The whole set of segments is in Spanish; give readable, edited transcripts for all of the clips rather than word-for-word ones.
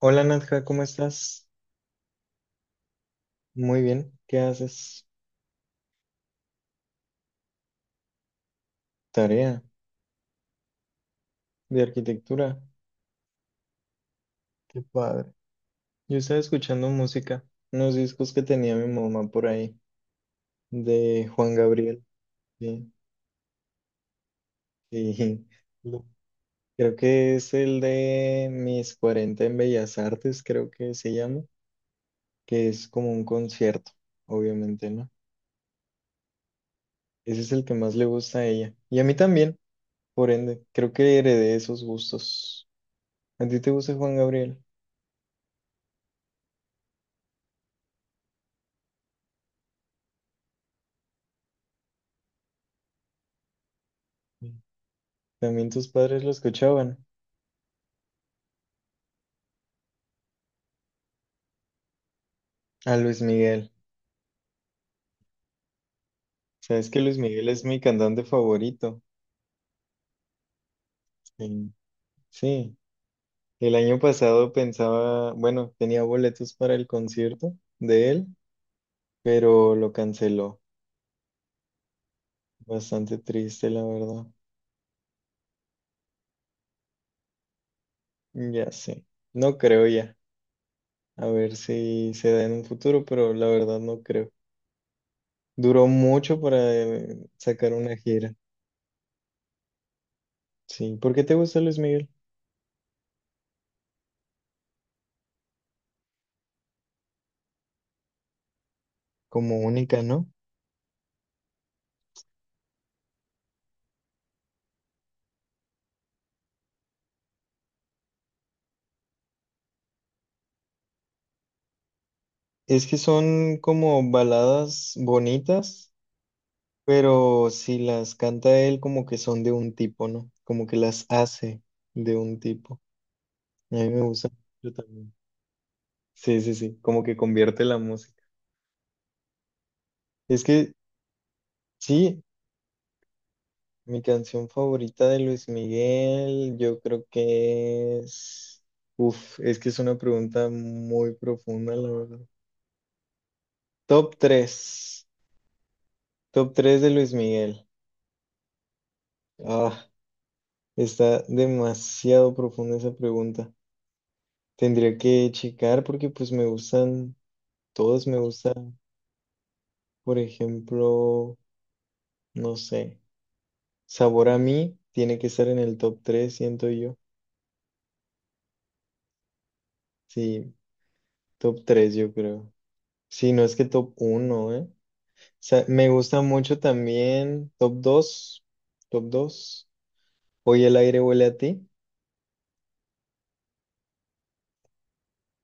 Hola Nadja, ¿cómo estás? Muy bien, ¿qué haces? Tarea de arquitectura. Qué padre. Yo estaba escuchando música, unos discos que tenía mi mamá por ahí, de Juan Gabriel. Sí, sí. Lo- Creo que es el de Mis 40 en Bellas Artes, creo que se llama, que es como un concierto, obviamente, ¿no? Ese es el que más le gusta a ella. Y a mí también, por ende, creo que heredé esos gustos. ¿A ti te gusta Juan Gabriel? También tus padres lo escuchaban. A Luis Miguel. Sabes que Luis Miguel es mi cantante favorito. Sí. Sí. El año pasado pensaba, bueno, tenía boletos para el concierto de él, pero lo canceló. Bastante triste, la verdad. Ya sé. No creo ya. A ver si se da en un futuro, pero la verdad no creo. Duró mucho para sacar una gira. Sí. ¿Por qué te gusta Luis Miguel? Como única, ¿no? Es que son como baladas bonitas, pero si las canta él, como que son de un tipo, ¿no? Como que las hace de un tipo. A mí me gusta mucho también. Sí, sí, sí, como que convierte la música. Es que sí, mi canción favorita de Luis Miguel, yo creo que es... Uf, es que es una pregunta muy profunda, la verdad. Top tres, top 3 de Luis Miguel. Ah. Está demasiado profunda esa pregunta. Tendría que checar porque pues me gustan, todas me gustan. Por ejemplo, no sé, sabor a mí tiene que estar en el top tres, siento yo. Sí, top 3 yo creo. Sí, no es que top uno, ¿eh? O sea, me gusta mucho también top dos, top dos, Hoy el aire huele a ti.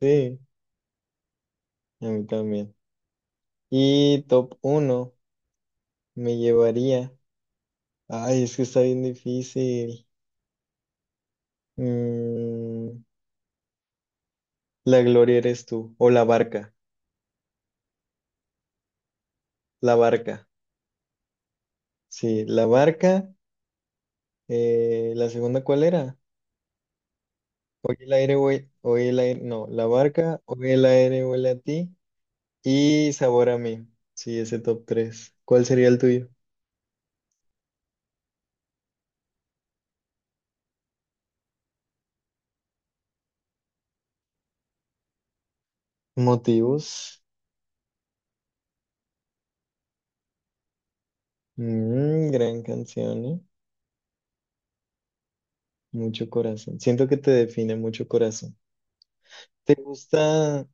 Sí, a mí también. Y top uno me llevaría. Ay, es que está bien difícil. Mm, la gloria eres tú, o la barca, sí, la barca, la segunda, ¿cuál era? Hoy el aire huele, hoy el aire, no, la barca, hoy el aire huele a ti y sabor a mí, sí, ese top 3. ¿Cuál sería el tuyo? Motivos. Mm, gran canción, ¿eh? Mucho corazón, siento que te define mucho corazón. ¿Te gusta,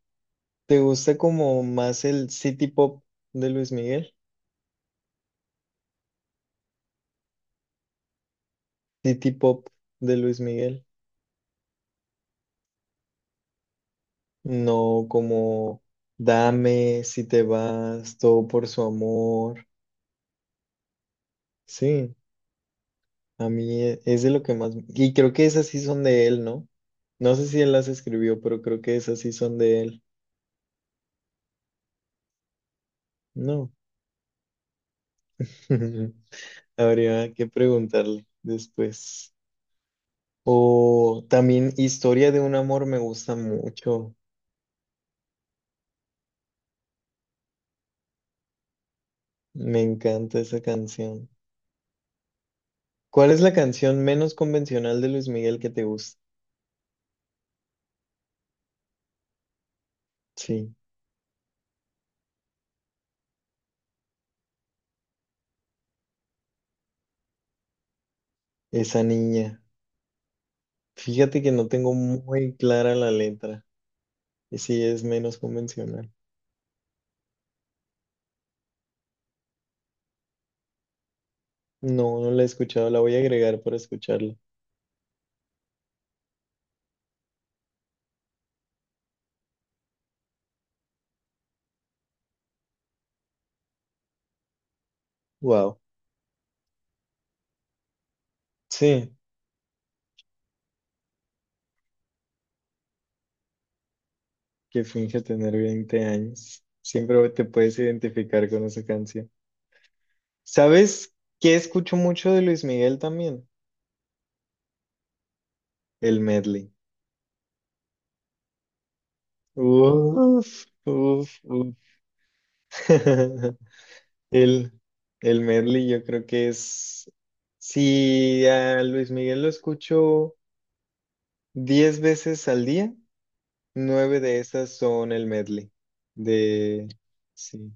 te gusta como más el city pop de Luis Miguel? City pop de Luis Miguel. No, como dame si te vas, todo por su amor. Sí, a mí e- es de lo que más... Y creo que esas sí son de él, ¿no? No sé si él las escribió, pero creo que esas sí son de él. No. Habría que preguntarle después. O también Historia de un amor me gusta mucho. Me encanta esa canción. ¿Cuál es la canción menos convencional de Luis Miguel que te gusta? Sí, esa niña. Fíjate que no tengo muy clara la letra. Y sí, es menos convencional. No, no la he escuchado. La voy a agregar para escucharla. Wow. Sí, que finge tener 20 años. Siempre te puedes identificar con esa canción. ¿Sabes qué escucho mucho de Luis Miguel también? El medley. Uf, uf, uf. El, el medley yo creo que es... Si a Luis Miguel lo escucho 10 veces al día. Nueve de esas son el medley de, sí,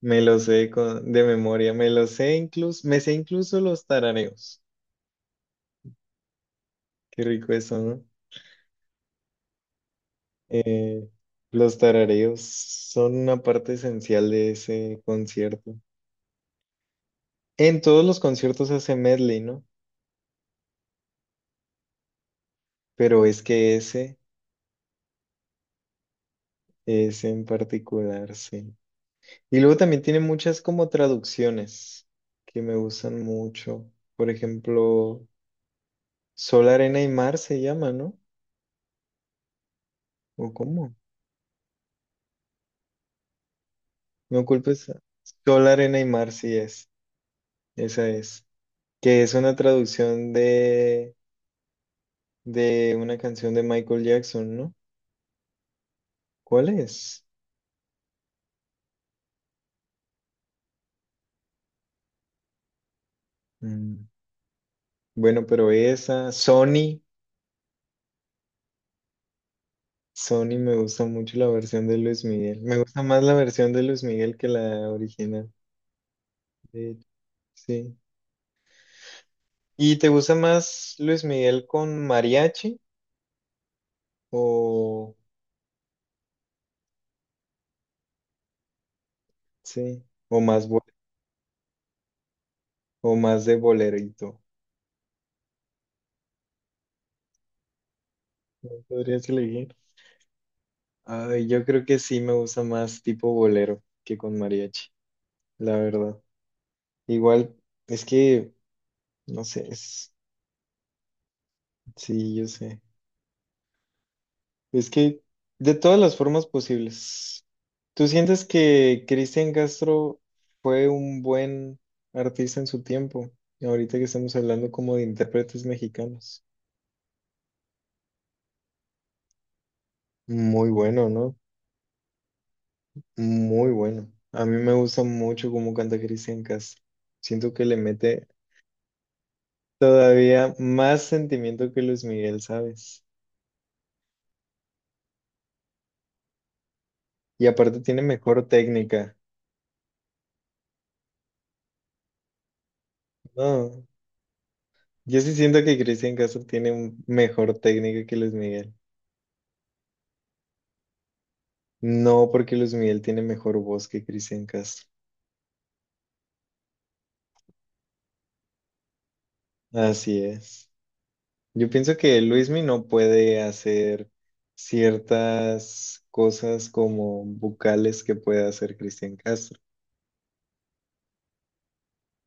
me lo sé con- de memoria, me lo sé incluso, me sé incluso los tarareos. Qué rico eso, ¿no? Eh, los tarareos son una parte esencial de ese concierto. En todos los conciertos hace medley, ¿no? Pero es que ese en particular, sí. Y luego también tiene muchas como traducciones que me gustan mucho. Por ejemplo, Sol, Arena y Mar se llama, ¿no? ¿O cómo? No culpes a- Sol, arena y mar, sí es. Esa es. Que es una traducción de una canción de Michael Jackson, ¿no? ¿Cuál es? Mm, bueno, pero esa, Sony. Sony me gusta mucho la versión de Luis Miguel. Me gusta más la versión de Luis Miguel que la original, de hecho. Sí. ¿Y te gusta más Luis Miguel con mariachi o sí, o más bo- o más de bolerito? ¿No podrías elegir? Ay, yo creo que sí me gusta más tipo bolero que con mariachi, la verdad. Igual, es que, no sé, es- sí, yo sé. Es que de todas las formas posibles. ¿Tú sientes que Cristian Castro fue un buen artista en su tiempo? Ahorita que estamos hablando como de intérpretes mexicanos. Muy bueno, ¿no? Muy bueno. A mí me gusta mucho cómo canta Cristian Castro. Siento que le mete todavía más sentimiento que Luis Miguel, ¿sabes? Y aparte tiene mejor técnica. No, yo sí siento que Cristian Castro tiene un- mejor técnica que Luis Miguel. No porque Luis Miguel tiene mejor voz que Cristian Castro. Así es. Yo pienso que Luismi no puede hacer ciertas cosas como vocales que puede hacer Cristian Castro.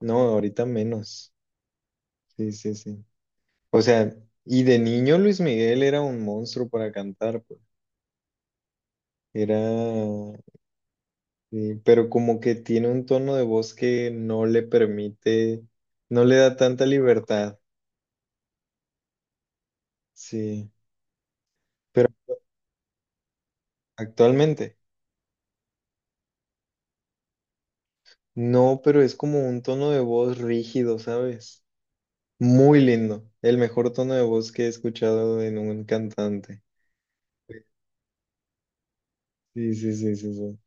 No, ahorita menos. Sí, sí, sí. O sea, y de niño Luis Miguel era un monstruo para cantar, pues. Era, pero como que tiene un tono de voz que no le permite, no le da tanta libertad, sí. Pero actualmente, no, pero es como un tono de voz rígido, ¿sabes? Muy lindo, el mejor tono de voz que he escuchado en un cantante. Sí, sí, sí, sí, sí.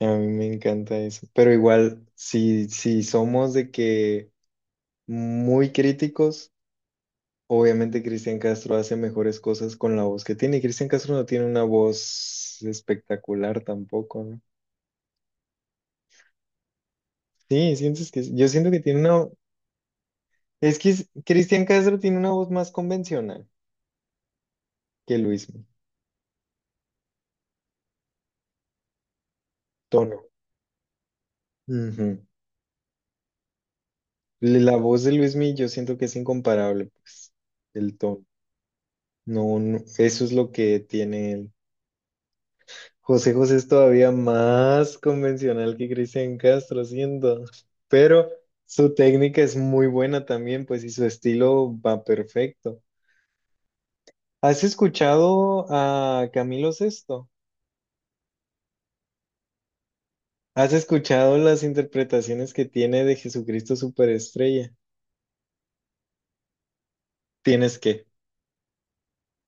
A mí me encanta eso. Pero igual, si, si somos de que muy críticos, obviamente Cristian Castro hace mejores cosas con la voz que tiene, y Cristian Castro no tiene una voz espectacular tampoco, ¿no? Sí, sientes que yo siento que tiene una, es que es- Cristian Castro tiene una voz más convencional que Luismi, tono. Ujú. Le- La voz de Luismi yo siento que es incomparable, pues, el tono. No, no, eso es lo que tiene él. José José es todavía más convencional que Cristian Castro, siento, pero su técnica es muy buena también, pues, y su estilo va perfecto. ¿Has escuchado a Camilo Sesto? ¿Has escuchado las interpretaciones que tiene de Jesucristo Superestrella? Tienes que,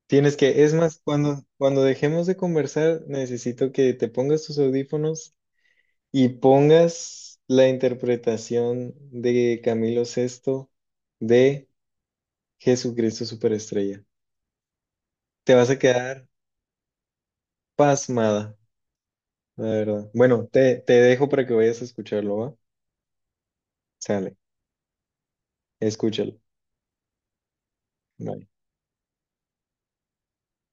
tienes que. Es más, cuando, cuando dejemos de conversar, necesito que te pongas tus audífonos y pongas la interpretación de Camilo Sesto de Jesucristo superestrella. Te vas a quedar pasmada, la verdad. Bueno, te dejo para que vayas a escucharlo, ¿va? Sale, escúchalo. Bye.